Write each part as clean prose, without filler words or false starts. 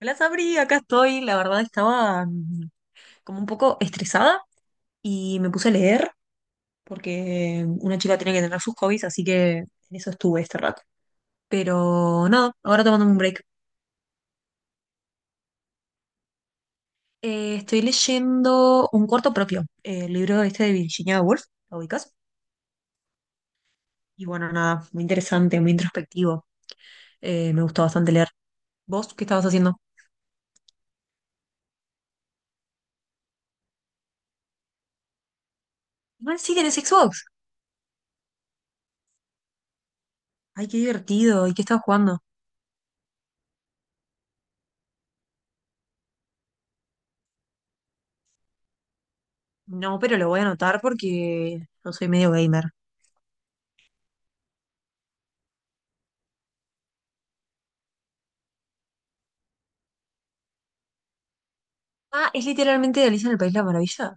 Me Las abrí, acá estoy. La verdad estaba como un poco estresada y me puse a leer porque una chica tiene que tener sus hobbies, así que en eso estuve este rato. Pero nada, ahora tomando un break. Estoy leyendo Un cuarto propio, el libro este de Virginia Woolf, ¿lo ubicas? Y bueno, nada, muy interesante, muy introspectivo. Me gustó bastante leer. ¿Vos qué estabas haciendo? Igual sí tenés Xbox. Ay, qué divertido. ¿Y qué estabas jugando? No, pero lo voy a anotar porque yo soy medio gamer. Ah, es literalmente de Alicia en el País de las Maravillas.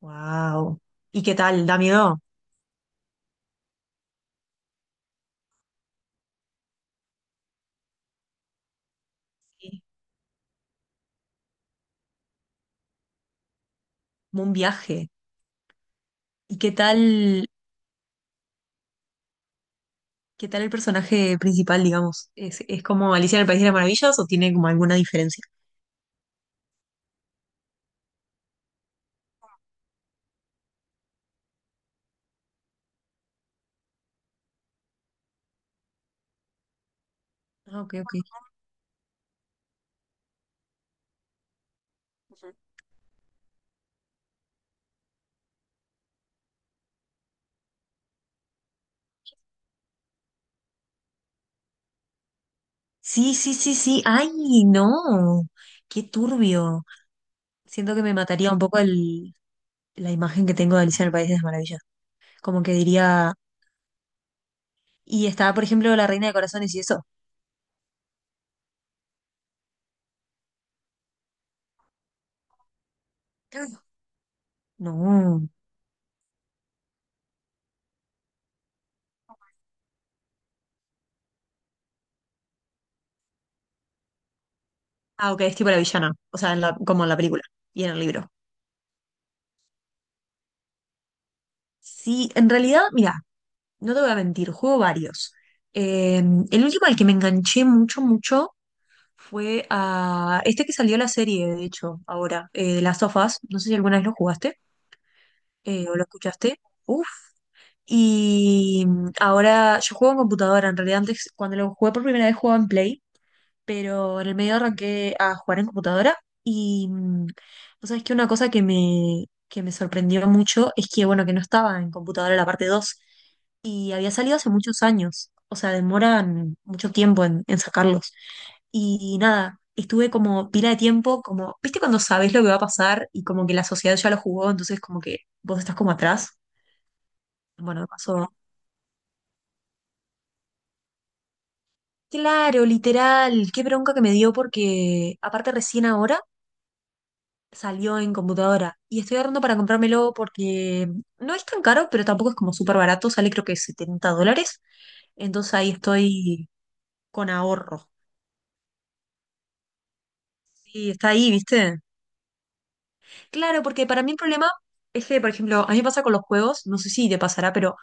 Wow. ¿Y qué tal? ¿Da miedo? Sí. Como un viaje. ¿Y qué tal el personaje principal, digamos? Es como Alicia en el País de las Maravillas o tiene como alguna diferencia? Ah, ok, ok. Ujú. Sí, sí, sí, sí. ¡Ay, no! ¡Qué turbio! Siento que me mataría un poco el, la imagen que tengo de Alicia en el País de las Maravillas. Como que diría, y estaba, por ejemplo, la Reina de Corazones y eso. No. Ah, ok, es tipo la villana, o sea, como en la película y en el libro. Sí, en realidad, mira, no te voy a mentir, juego varios. Eh, el último al que me enganché mucho, fue a este que salió la serie, de hecho, ahora, Las sofás. No sé si alguna vez lo jugaste o lo escuchaste. Uf. Y ahora yo juego en computadora, en realidad antes, cuando lo jugué por primera vez, jugaba en Play, pero en el medio arranqué a jugar en computadora y vos sabés que una cosa que que me sorprendió mucho es que, bueno, que no estaba en computadora la parte 2 y había salido hace muchos años, o sea, demoran mucho tiempo en sacarlos. Y nada, estuve como pila de tiempo, como, ¿viste cuando sabés lo que va a pasar y como que la sociedad ya lo jugó, entonces como que vos estás como atrás? Bueno, me pasó. Claro, literal, qué bronca que me dio porque aparte recién ahora salió en computadora y estoy ahorrando para comprármelo porque no es tan caro, pero tampoco es como súper barato, sale creo que 70 dólares, entonces ahí estoy con ahorro. Sí, está ahí, ¿viste? Claro, porque para mí el problema es que, por ejemplo, a mí me pasa con los juegos, no sé si te pasará, pero,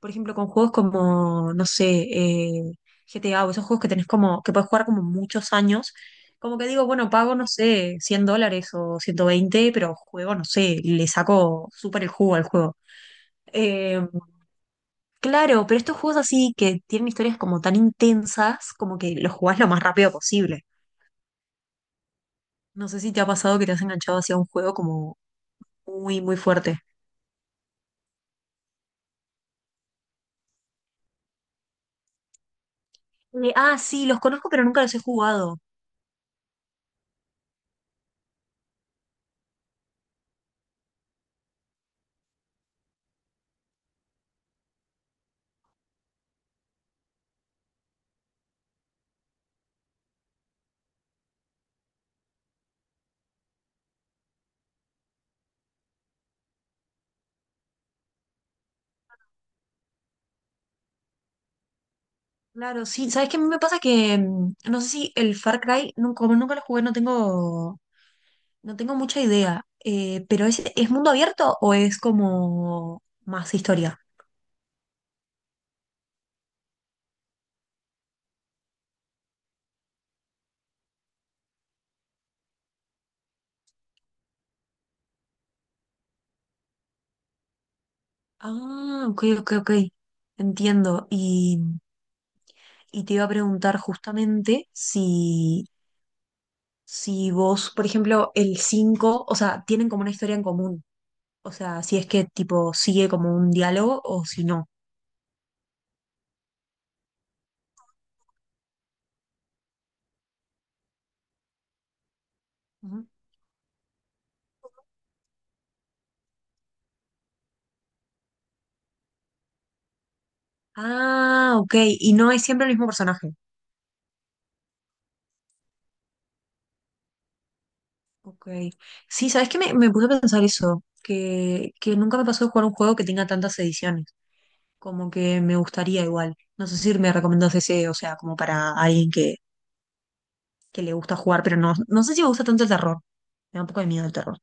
por ejemplo, con juegos como, no sé, GTA o esos juegos que tenés como, que puedes jugar como muchos años, como que digo, bueno, pago, no sé, 100 dólares o 120 pero juego, no sé, le saco súper el jugo al juego. Eh, Claro, pero estos juegos así que tienen historias como tan intensas, como que los jugás lo más rápido posible. No sé si te ha pasado que te has enganchado hacia un juego como muy, muy fuerte. Ah, sí, los conozco, pero nunca los he jugado. Claro, sí. ¿Sabes qué? A mí me pasa que no sé si el Far Cry, como nunca lo jugué, no tengo, no tengo mucha idea. Pero es mundo abierto o es como más historia? Ah, ok, ok, ok. Entiendo. Y te iba a preguntar justamente si si vos, por ejemplo, el 5 o sea, tienen como una historia en común. O sea, si es que tipo sigue como un diálogo o si no. Ujú. Ah, ok. Y no es siempre el mismo personaje. Ok. Sí, ¿sabes qué? Me puse a pensar eso, que nunca me pasó de jugar un juego que tenga tantas ediciones. Como que me gustaría igual. No sé si me recomendás ese, o sea, como para alguien que le gusta jugar, pero no, no sé si me gusta tanto el terror. Me da un poco de miedo el terror.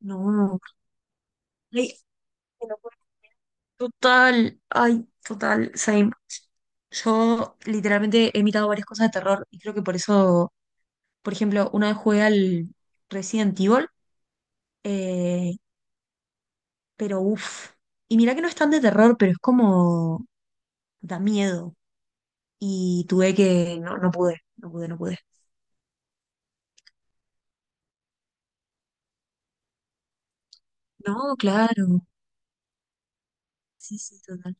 No. Ay, total, ay, total, same. Yo literalmente he imitado varias cosas de terror y creo que por eso, por ejemplo, una vez jugué al Resident Evil, eh, pero uff. Y mirá que no es tan de terror, pero es como da miedo. Y tuve que, no, no pude, no pude, no pude. No, claro. Sí, sí, total.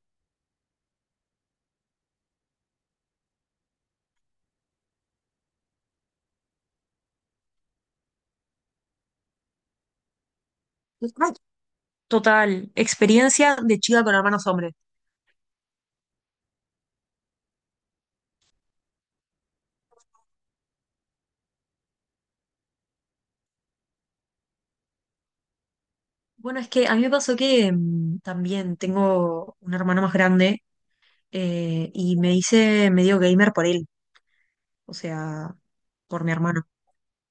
Ay, total, experiencia de chica con hermanos hombres. Bueno, es que a mí me pasó que también tengo un hermano más grande y me hice medio gamer por él, o sea, por mi hermano.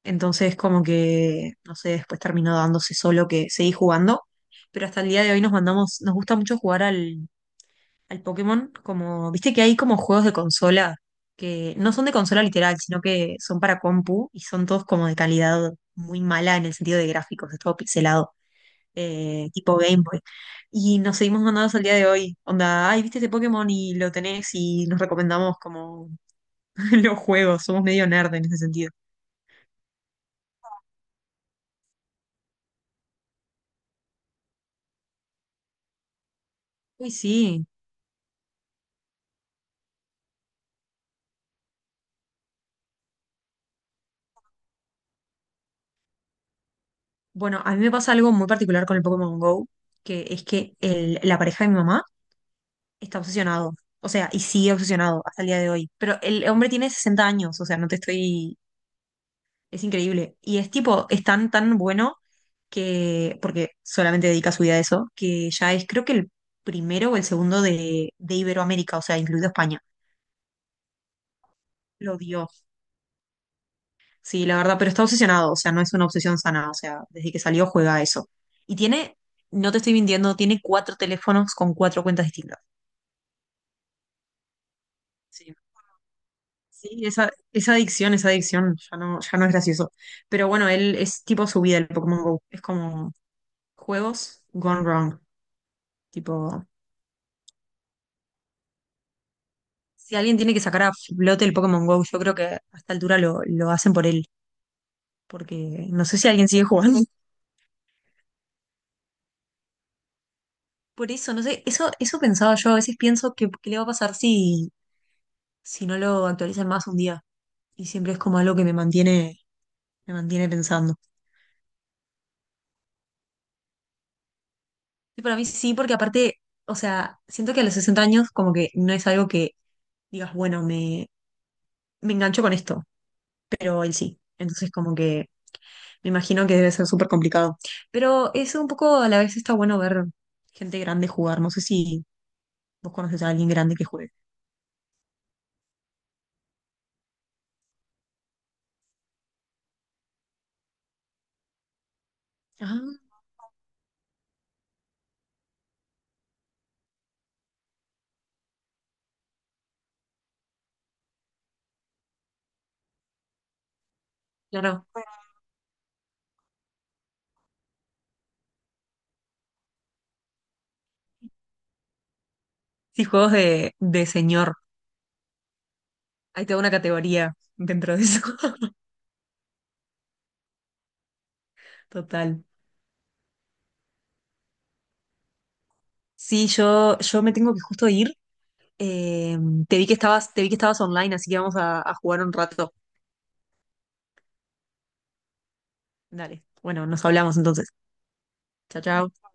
Entonces, como que, no sé, después terminó dándose solo que seguí jugando, pero hasta el día de hoy nos mandamos, nos gusta mucho jugar al Pokémon, como, viste que hay como juegos de consola que no son de consola literal, sino que son para compu y son todos como de calidad muy mala en el sentido de gráficos, es todo pixelado, tipo Game Boy. Y nos seguimos mandando hasta el día de hoy. Onda, ay, viste este Pokémon y lo tenés y nos recomendamos como los juegos. Somos medio nerd en ese sentido. Uy, sí. Bueno, a mí me pasa algo muy particular con el Pokémon Go, que es que la pareja de mi mamá está obsesionado. O sea, y sigue obsesionado hasta el día de hoy. Pero el hombre tiene 60 años, o sea, no te estoy. Es increíble. Y es tipo, es tan bueno que, porque solamente dedica su vida a eso, que ya es creo que el primero o el segundo de Iberoamérica, o sea, incluido España. Lo dio. Sí, la verdad, pero está obsesionado, o sea, no es una obsesión sana, o sea, desde que salió juega a eso. Y tiene, no te estoy mintiendo, tiene cuatro teléfonos con cuatro cuentas distintas. Sí. Sí, esa adicción, ya no es gracioso. Pero bueno, él es tipo su vida, el Pokémon Go. Es como juegos gone wrong. Tipo, si alguien tiene que sacar a flote el Pokémon Go, yo creo que a esta altura lo hacen por él, porque no sé si alguien sigue jugando. Por eso, no sé, eso pensaba yo, a veces pienso que qué le va a pasar si, si no lo actualizan más un día. Y siempre es como algo que me mantiene pensando. Y para mí sí, porque aparte, o sea, siento que a los 60 años como que no es algo que digas, bueno, me engancho con esto, pero él sí. Entonces como que me imagino que debe ser súper complicado. Pero eso un poco a la vez está bueno ver gente grande jugar. No sé si vos conoces a alguien grande que juegue. Ah, claro. Sí, juegos de señor. Hay toda una categoría dentro de eso. Total. Sí, yo me tengo que justo ir. Eh, Te vi que estabas, te vi que estabas online, así que vamos a jugar un rato. Dale. Bueno, nos hablamos entonces. Chao, chao.